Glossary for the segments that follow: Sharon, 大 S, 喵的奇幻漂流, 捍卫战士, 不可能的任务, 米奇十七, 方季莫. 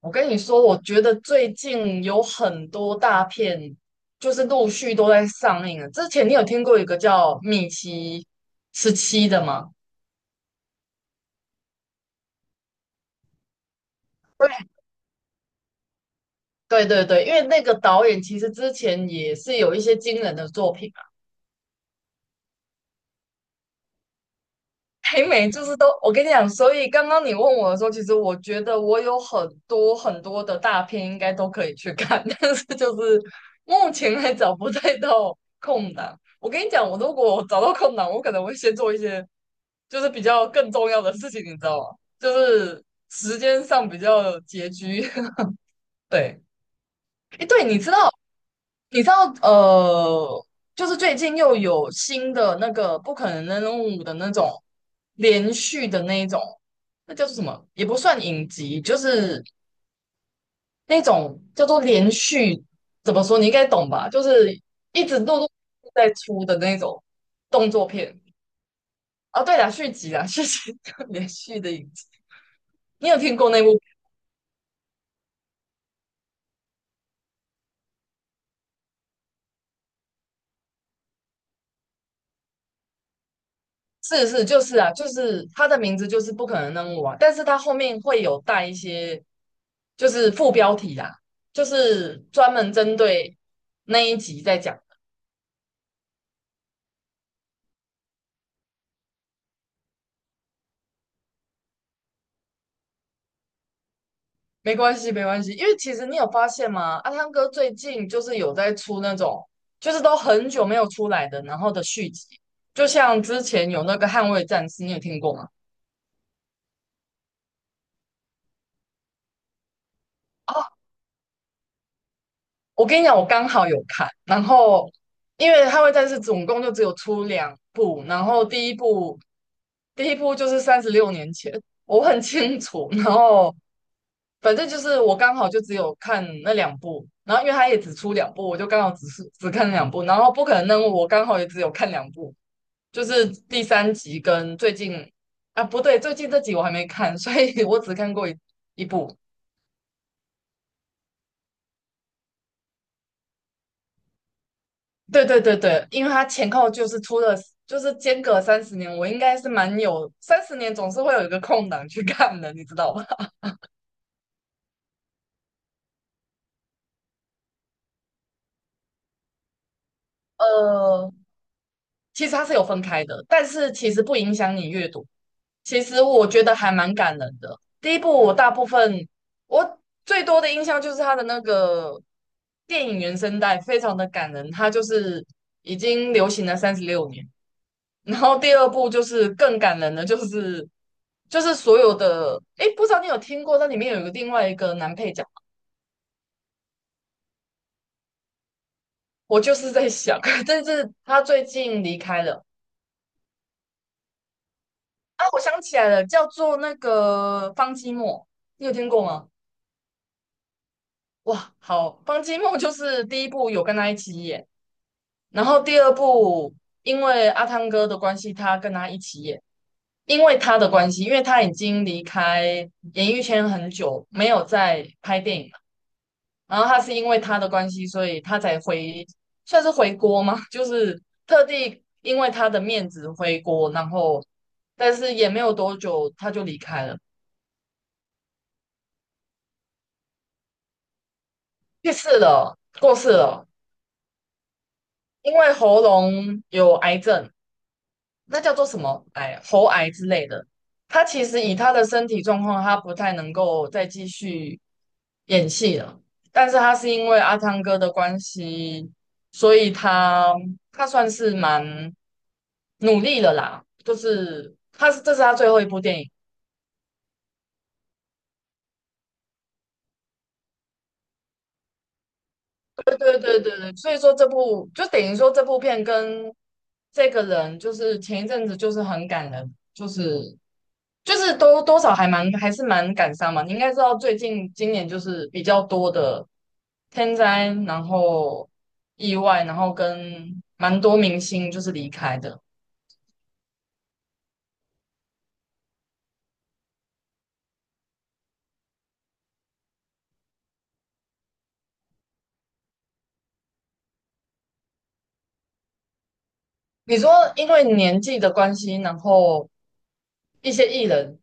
我跟你说，我觉得最近有很多大片，就是陆续都在上映了。之前你有听过一个叫《米奇十七》的吗？对对对，对，因为那个导演其实之前也是有一些惊人的作品啊，北美就是都，我跟你讲，所以刚刚你问我的时候，其实我觉得我有很多很多的大片应该都可以去看，但是就是目前还找不太到空档。我跟你讲，我如果找到空档，我可能会先做一些就是比较更重要的事情，你知道吗？就是时间上比较拮据。对，诶，对，你知道，你知道，呃，就是最近又有新的那个不可能的任务的那种连续的那一种，那叫做什么？也不算影集，就是那种叫做连续，怎么说？你应该懂吧？就是一直陆陆续续在出的那种动作片。哦，对了，续集啦，续集 连续的影集，你有听过那部？是是，就是啊，就是他的名字就是不可能扔务啊但是它后面会有带一些就是副标题啦，就是专门针对那一集在讲的。没关系，没关系，因为其实你有发现吗？阿汤哥最近就是有在出那种，就是都很久没有出来的，然后的续集，就像之前有那个《捍卫战士》，你有听过吗？我跟你讲，我刚好有看，然后因为《捍卫战士》总共就只有出两部，然后第一部就是36年前，我很清楚，然后反正就是我刚好就只有看那两部，然后因为它也只出两部，我就刚好只是只看两部，然后不可能任务我刚好也只有看两部，就是第三集跟最近啊不对，最近这集我还没看，所以 我只看过一部，对对对对，因为它前后就是出了，就是间隔三十年，我应该是蛮有三十年总是会有一个空档去看的，你知道吧？呃，其实它是有分开的，但是其实不影响你阅读。其实我觉得还蛮感人的。第一部我大部分我最多的印象就是它的那个电影原声带非常的感人，它就是已经流行了三十六年，然后第二部就是更感人的，就是所有的，哎，不知道你有听过，那里面有一个另外一个男配角，我就是在想，但是他最近离开了啊，我想起来了，叫做那个方季莫，你有听过吗？哇，好，方季莫就是第一部有跟他一起演，然后第二部因为阿汤哥的关系，他跟他一起演，因为他的关系，因为他已经离开演艺圈很久，没有再拍电影。然后他是因为他的关系，所以他才回，算是回国吗？就是特地因为他的面子回国，然后但是也没有多久他就离开了，去世了，过世了，因为喉咙有癌症，那叫做什么癌，喉癌之类的。他其实以他的身体状况，他不太能够再继续演戏了。但是他是因为阿汤哥的关系，所以他算是蛮努力了啦。就是他是这是他最后一部电影，对对对对对，所以说这部就等于说这部片跟这个人，就是前一阵子就是很感人，就是多多少还还是蛮感伤嘛。你应该知道最近今年就是比较多的天灾，然后意外，然后跟蛮多明星就是离开的。你说因为年纪的关系，然后一些艺人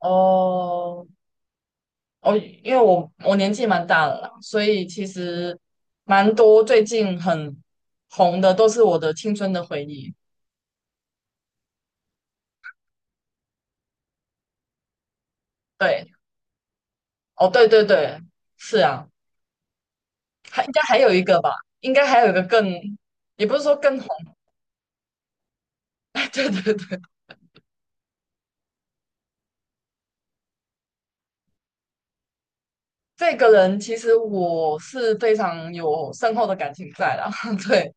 哦，哦，因为我年纪蛮大了啦，所以其实蛮多最近很红的都是我的青春的回忆。对，哦，对对对，是啊，还应该还有一个吧，应该还有一个更，也不是说更红，对对对，这个人其实我是非常有深厚的感情在啦。对，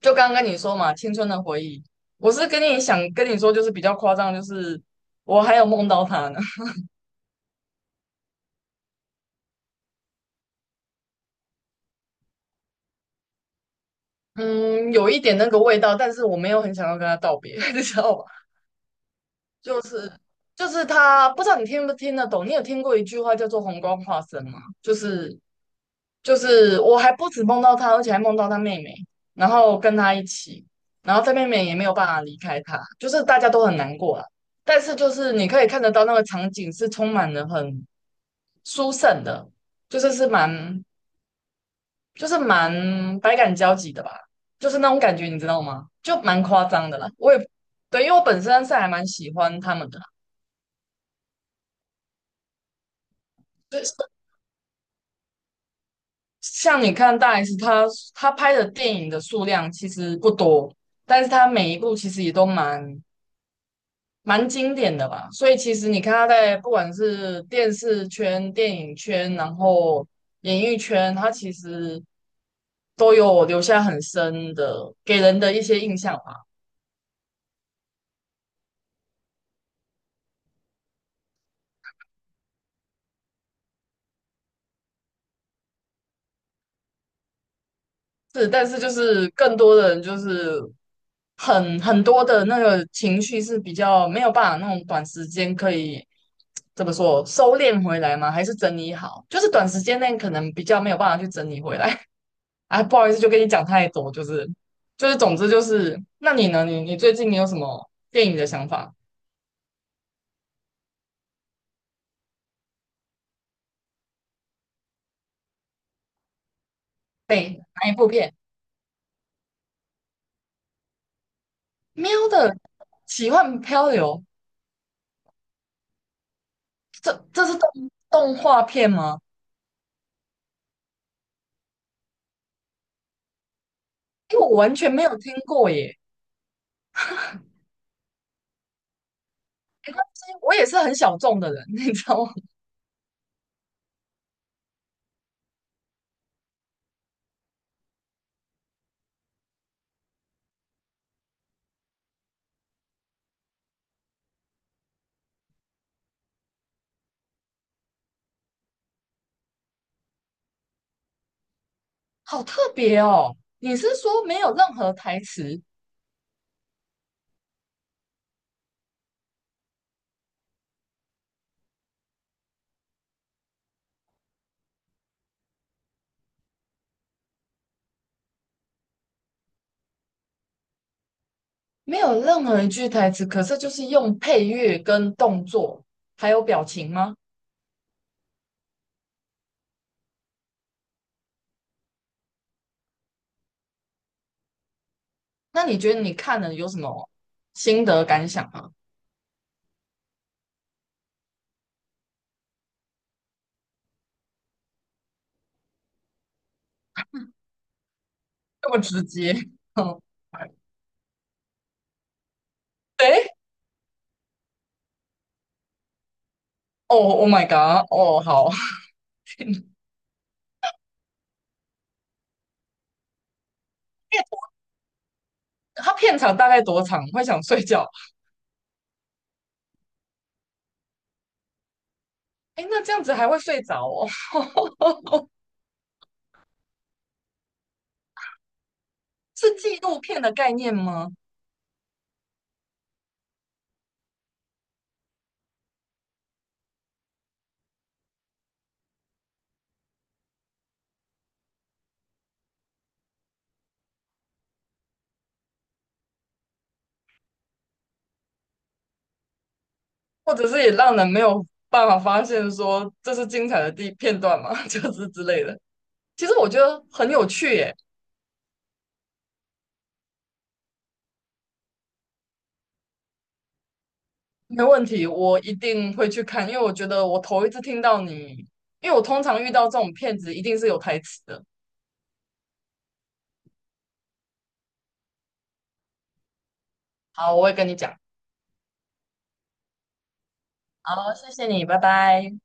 就刚刚跟你说嘛，青春的回忆，我是跟你想跟你说，就是比较夸张，就是我还有梦到他呢。嗯，有一点那个味道，但是我没有很想要跟他道别，你知道吗？就是就是他，不知道你听不听得懂。你有听过一句话叫做"红光化身"吗？就是我还不止梦到他，而且还梦到他妹妹，然后跟他一起，然后他妹妹也没有办法离开他，就是大家都很难过了。但是就是你可以看得到那个场景是充满了很殊胜的，就是是蛮就是蛮百感交集的吧，就是那种感觉，你知道吗？就蛮夸张的啦。我也对，因为我本身是还蛮喜欢他们的啦，就是像你看大 S，他拍的电影的数量其实不多，但是他每一部其实也都蛮经典的吧。所以其实你看他在不管是电视圈、电影圈，然后演艺圈，他其实都有留下很深的给人的一些印象。是，但是就是更多的人就是很多的那个情绪是比较没有办法那种短时间可以怎么说收敛回来吗？还是整理好？就是短时间内可能比较没有办法去整理回来。啊，不好意思，就跟你讲太多，就是就是，总之就是，那你呢？你最近你有什么电影的想法？对，哪一部片？喵的奇幻漂流，这是动画片吗？因为我完全没有听过耶。没关系，我也是很小众的人，你知道吗？好特别哦！你是说没有任何台词，没有任何一句台词，可是就是用配乐跟动作还有表情吗？那你觉得你看了有什么心得感想吗？这么直接，嗯，哎，哦，Oh my god，哦，好，片它片长大概多长？会想睡觉？哎，那这样子还会睡着哦？是纪录片的概念吗？或者是也让人没有办法发现说这是精彩的地片段嘛，就是之类的。其实我觉得很有趣耶，没问题，我一定会去看，因为我觉得我头一次听到你，因为我通常遇到这种骗子一定是有台词的。好，我会跟你讲。好，谢谢你，拜拜。